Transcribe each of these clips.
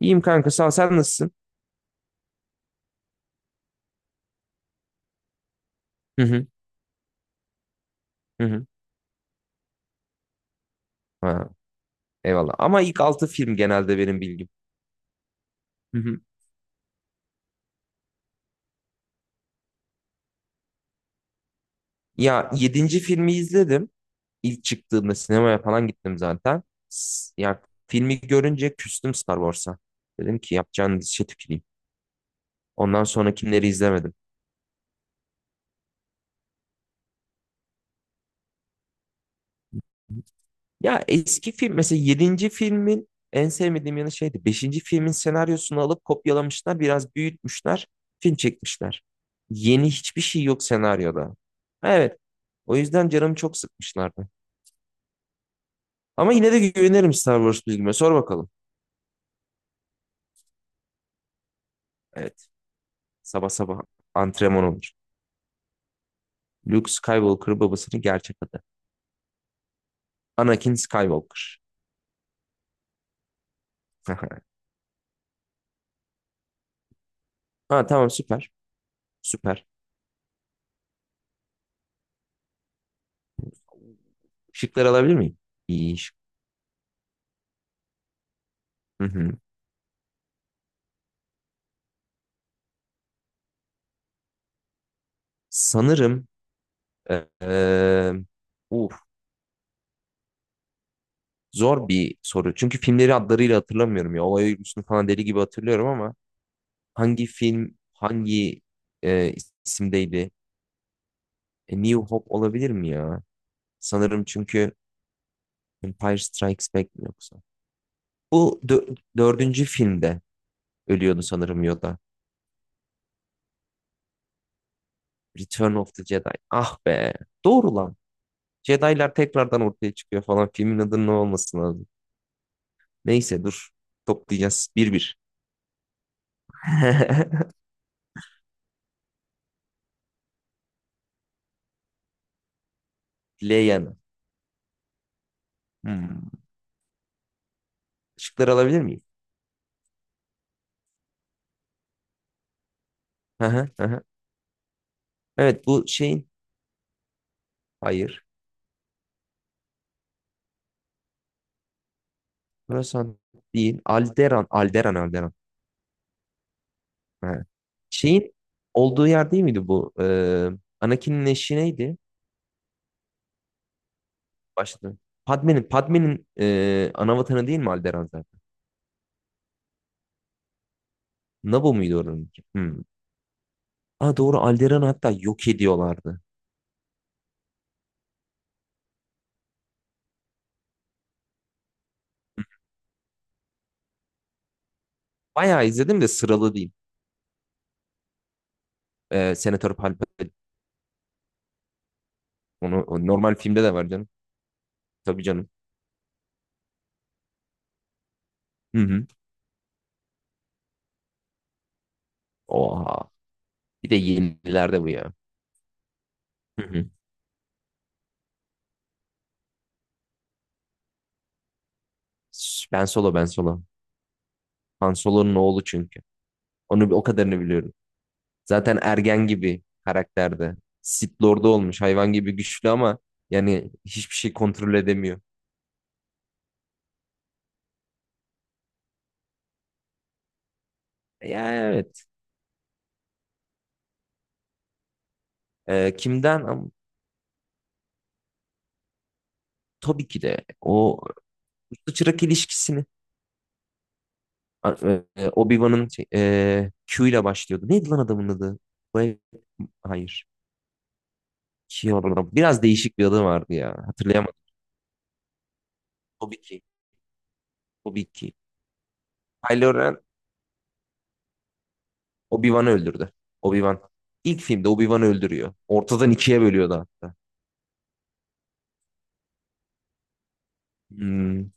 İyiyim kanka sağ ol. Sen nasılsın? Hı hı. Hı hı. Ha, eyvallah. Ama ilk 6 film genelde benim bilgim. Hı hı. Ya yedinci filmi izledim. İlk çıktığımda sinemaya falan gittim zaten. Ya filmi görünce küstüm Star Wars'a. Dedim ki yapacağın dişe tüküreyim. Ondan sonrakileri izlemedim. Ya eski film mesela yedinci filmin en sevmediğim yanı şeydi. Beşinci filmin senaryosunu alıp kopyalamışlar, biraz büyütmüşler, film çekmişler. Yeni hiçbir şey yok senaryoda. Evet. O yüzden canım çok sıkmışlardı. Ama yine de güvenirim Star Wars bilgime. Sor bakalım. Evet. Sabah sabah antrenman olur. Luke Skywalker babasının gerçek adı. Anakin Skywalker. Ha, tamam, süper. Süper. Şıkları alabilir miyim? İyi şık. Hı hı. Sanırım eee uf, zor bir soru. Çünkü filmleri adlarıyla hatırlamıyorum ya. Olay örgüsünü falan deli gibi hatırlıyorum ama hangi film hangi eee, isimdeydi? E, New Hope olabilir mi ya? Sanırım çünkü Empire Strikes Back mi yoksa? Bu dördüncü filmde ölüyordu sanırım Yoda. Return of the Jedi. Ah be. Doğru lan. Jedi'lar tekrardan ortaya çıkıyor falan. Filmin adının ne olması lazım. Neyse dur. Toplayacağız. Bir bir. Leia'nın. Hmm. Işıkları alabilir miyim? Hı hı, hı hı. Evet, bu şeyin. Hayır. Burası değil. Alderan. Alderan. Alderan. Ha. Şeyin olduğu yer değil miydi bu? Anakin'in eşi neydi? Başladı. Padme'nin ana değil mi Alderan zaten? Naboo muydu oranınki? Hmm. Aa, doğru Alderan'ı hatta yok ediyorlardı. Bayağı izledim de sıralı değil. E, Senatör Palpatine onu o normal filmde de var canım. Tabii canım. Hı hı. Oha. Bir de yenilerde bu ya. Hı hı. Ben Solo, Ben Solo. Han Solo'nun oğlu çünkü. Onu o kadarını biliyorum. Zaten ergen gibi karakterde. Sith Lord'u olmuş hayvan gibi güçlü ama yani hiçbir şey kontrol edemiyor. Ya, evet. Kimden? Tabii ki de o usta çırak ilişkisini Obi-Wan'ın şey, Q ile başlıyordu. Neydi lan adamın adı? Bay- Hayır. Şey, biraz değişik bir adı vardı ya. Hatırlayamadım. Tabii ki. Tabii ki. Kylo Ren Obi-Wan'ı öldürdü. Obi-Wan. İlk filmde Obi-Wan'ı öldürüyor. Ortadan ikiye bölüyordu hatta. Hmm.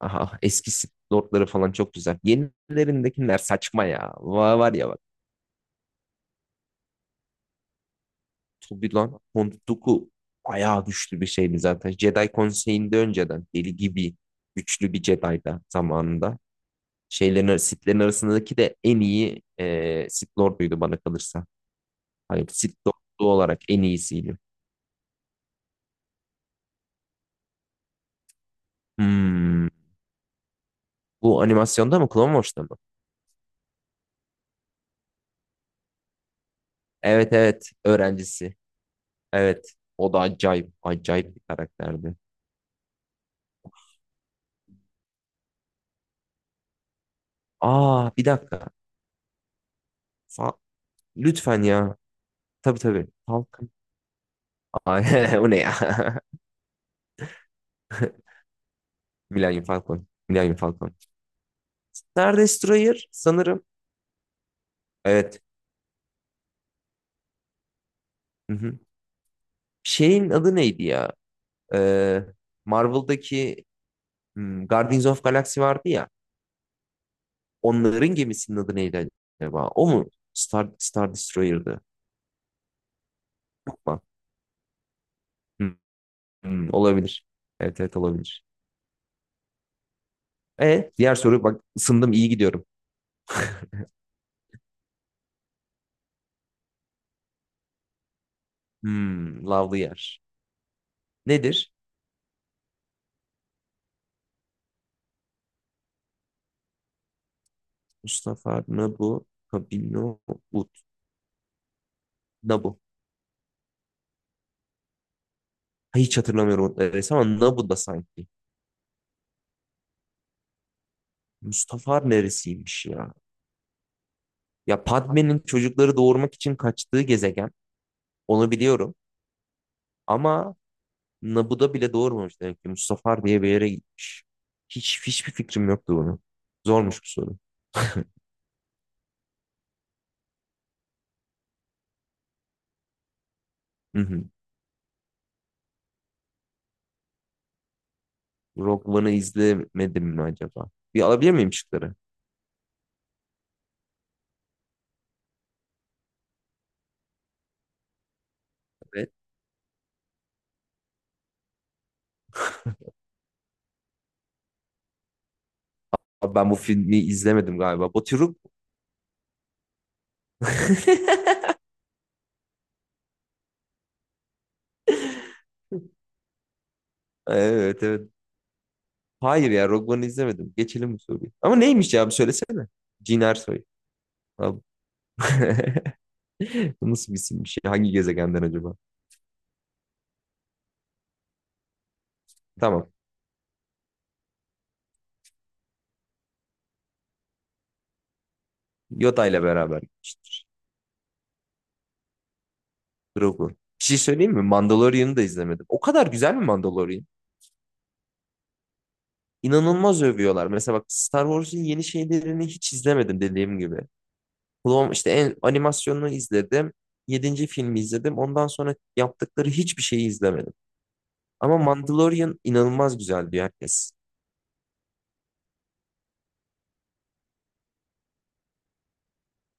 Aha, eski Sith Lord'ları falan çok güzel. Yenilerindekiler saçma ya. Var, var ya. Tabii lan. Hondoku bayağı güçlü bir şeydi zaten. Jedi Konseyi'nde önceden deli gibi güçlü bir Jedi'da zamanında. Şeylerin, Sith'lerin arasındaki de en iyi Sith Lord'uydu bana kalırsa. Hayır, Sith Lord'u olarak en iyisiydi. Hmm. Bu animasyonda mı? Clone Wars'ta mı? Evet, evet. Öğrencisi. Evet. O da acayip. Acayip bir karakterdi. Aa, bir dakika. Fa- Lütfen ya. Tabii, tabii. Falcon. Ay, o ne ya? Millennium Falcon. Millennium Falcon. Star Destroyer sanırım. Evet. Hı hı. Şeyin adı neydi ya? Ee, Marvel'daki Guardians of Galaxy vardı ya. Onların gemisinin adı neydi acaba? O mu? Star Destroyer'dı. Bak. Hı, hı, olabilir. Evet, evet, olabilir. E, diğer soru bak, ısındım, iyi gidiyorum. Lavlı yer. Nedir? Mustafa Nabu Kabino Ut. Nabu. Hiç hatırlamıyorum o resim ama Nabu da sanki. Mustafar neresiymiş ya? Ya Padme'nin çocukları doğurmak için kaçtığı gezegen. Onu biliyorum. Ama Naboo'da bile doğurmamış demek ki. Mustafar diye bir yere gitmiş. Hiç hiçbir fikrim yoktu bunu. Zormuş bu soru. Hı hı. Rogue One'ı izlemedim mi acaba? Bir alabilir miyim şıkları? Evet. Abi ben bu filmi izlemedim galiba. Baturuk. Evet, evet. Hayır ya, Rogue One'ı izlemedim. Geçelim bu soruyu. Ama neymiş ya, bir söylesene. Cin Ersoy. Abi. Bu nasıl bir isim bir şey? Hangi gezegenden acaba? Tamam. Yoda ile beraber gitmiştir. Grogu. Bir şey söyleyeyim mi? Mandalorian'ı da izlemedim. O kadar güzel mi Mandalorian? İnanılmaz övüyorlar. Mesela bak, Star Wars'un yeni şeylerini hiç izlemedim dediğim gibi. Clone- işte animasyonunu izledim. Yedinci filmi izledim. Ondan sonra yaptıkları hiçbir şeyi izlemedim. Ama Mandalorian inanılmaz güzel diyor herkes.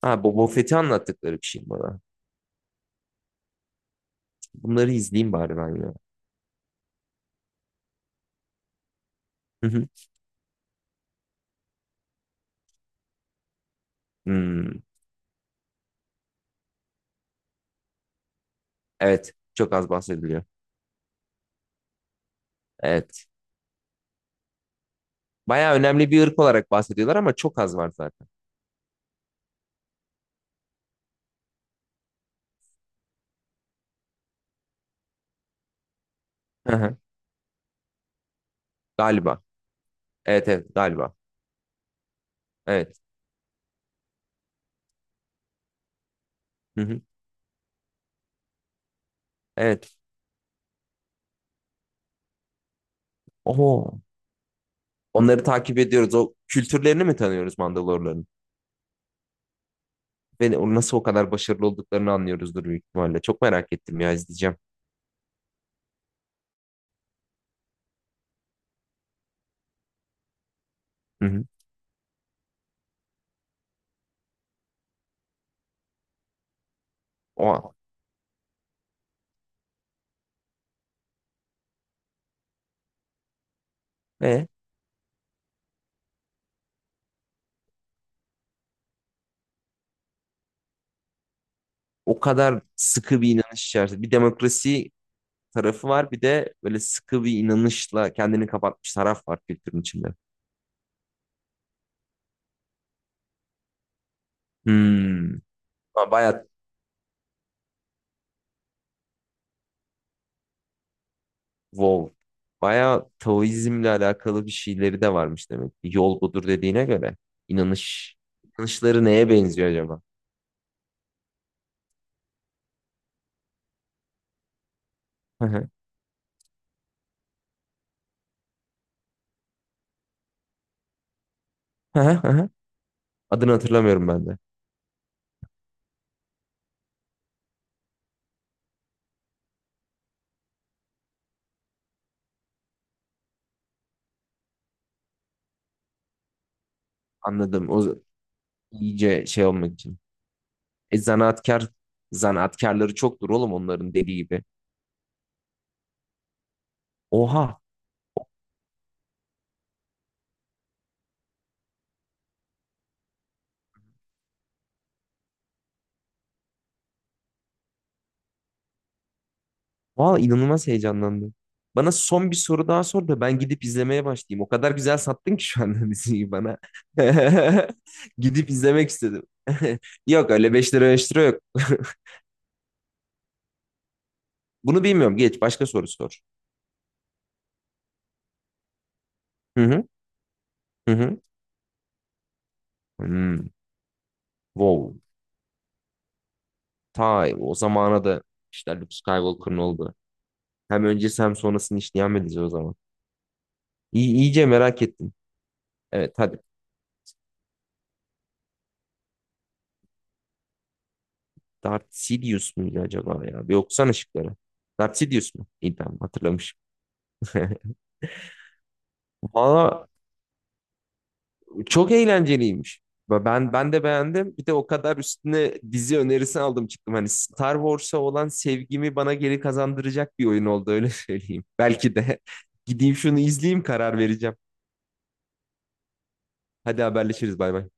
Ha, Boba Fett'i anlattıkları bir şey bana. Bunları izleyeyim bari ben ya. Hı hı. Hmm, evet. Çok az bahsediliyor. Evet. Bayağı önemli bir ırk olarak bahsediyorlar ama çok az var zaten. Hı hı. Galiba. Evet, evet, galiba. Evet. Hı hı. Evet. Oho. Onları takip ediyoruz. O kültürlerini mi tanıyoruz Mandalorların? Ve nasıl o kadar başarılı olduklarını anlıyoruzdur büyük ihtimalle. Çok merak ettim ya, izleyeceğim. Hı hı. O. Ve o kadar sıkı bir inanış içerisinde. Bir demokrasi tarafı var. Bir de böyle sıkı bir inanışla kendini kapatmış taraf var kültürün içinde. Hmm. Ama Bayağı Wow. Bayağı Taoizmle alakalı bir şeyleri de varmış demek ki. Yol budur dediğine göre. İnanış. İnanışları neye benziyor acaba? Hı hı. Hı hı hı hı. Adını hatırlamıyorum ben de. Anladım. O z- iyice şey olmak için. E zanaatkar, zanaatkarları çoktur oğlum onların dediği gibi. Oha. Valla inanılmaz heyecanlandım. Bana son bir soru daha sor da ben gidip izlemeye başlayayım. O kadar güzel sattın ki şu anda diziyi bana. Gidip izlemek istedim. Yok öyle, 5 lira 5 lira yok. Bunu bilmiyorum. Geç başka soru sor. Hı hı. Hı hı. Hmm. Wow. Ta o zamana da işte Luke Skywalker'ın oldu. Hem öncesi hem sonrasını işleyen bir dizi o zaman. İyi, iyice merak ettim. Evet, hadi. Darth Sidious muydu acaba ya? Bir okusana şıkları. Darth Sidious mu? İyi, tamam, hatırlamışım. Valla çok eğlenceliymiş. Ve ben de beğendim. Bir de o kadar üstüne dizi önerisi aldım çıktım. Hani Star Wars'a olan sevgimi bana geri kazandıracak bir oyun oldu öyle söyleyeyim. Belki de gideyim şunu izleyeyim karar vereceğim. Hadi haberleşiriz, bay bay.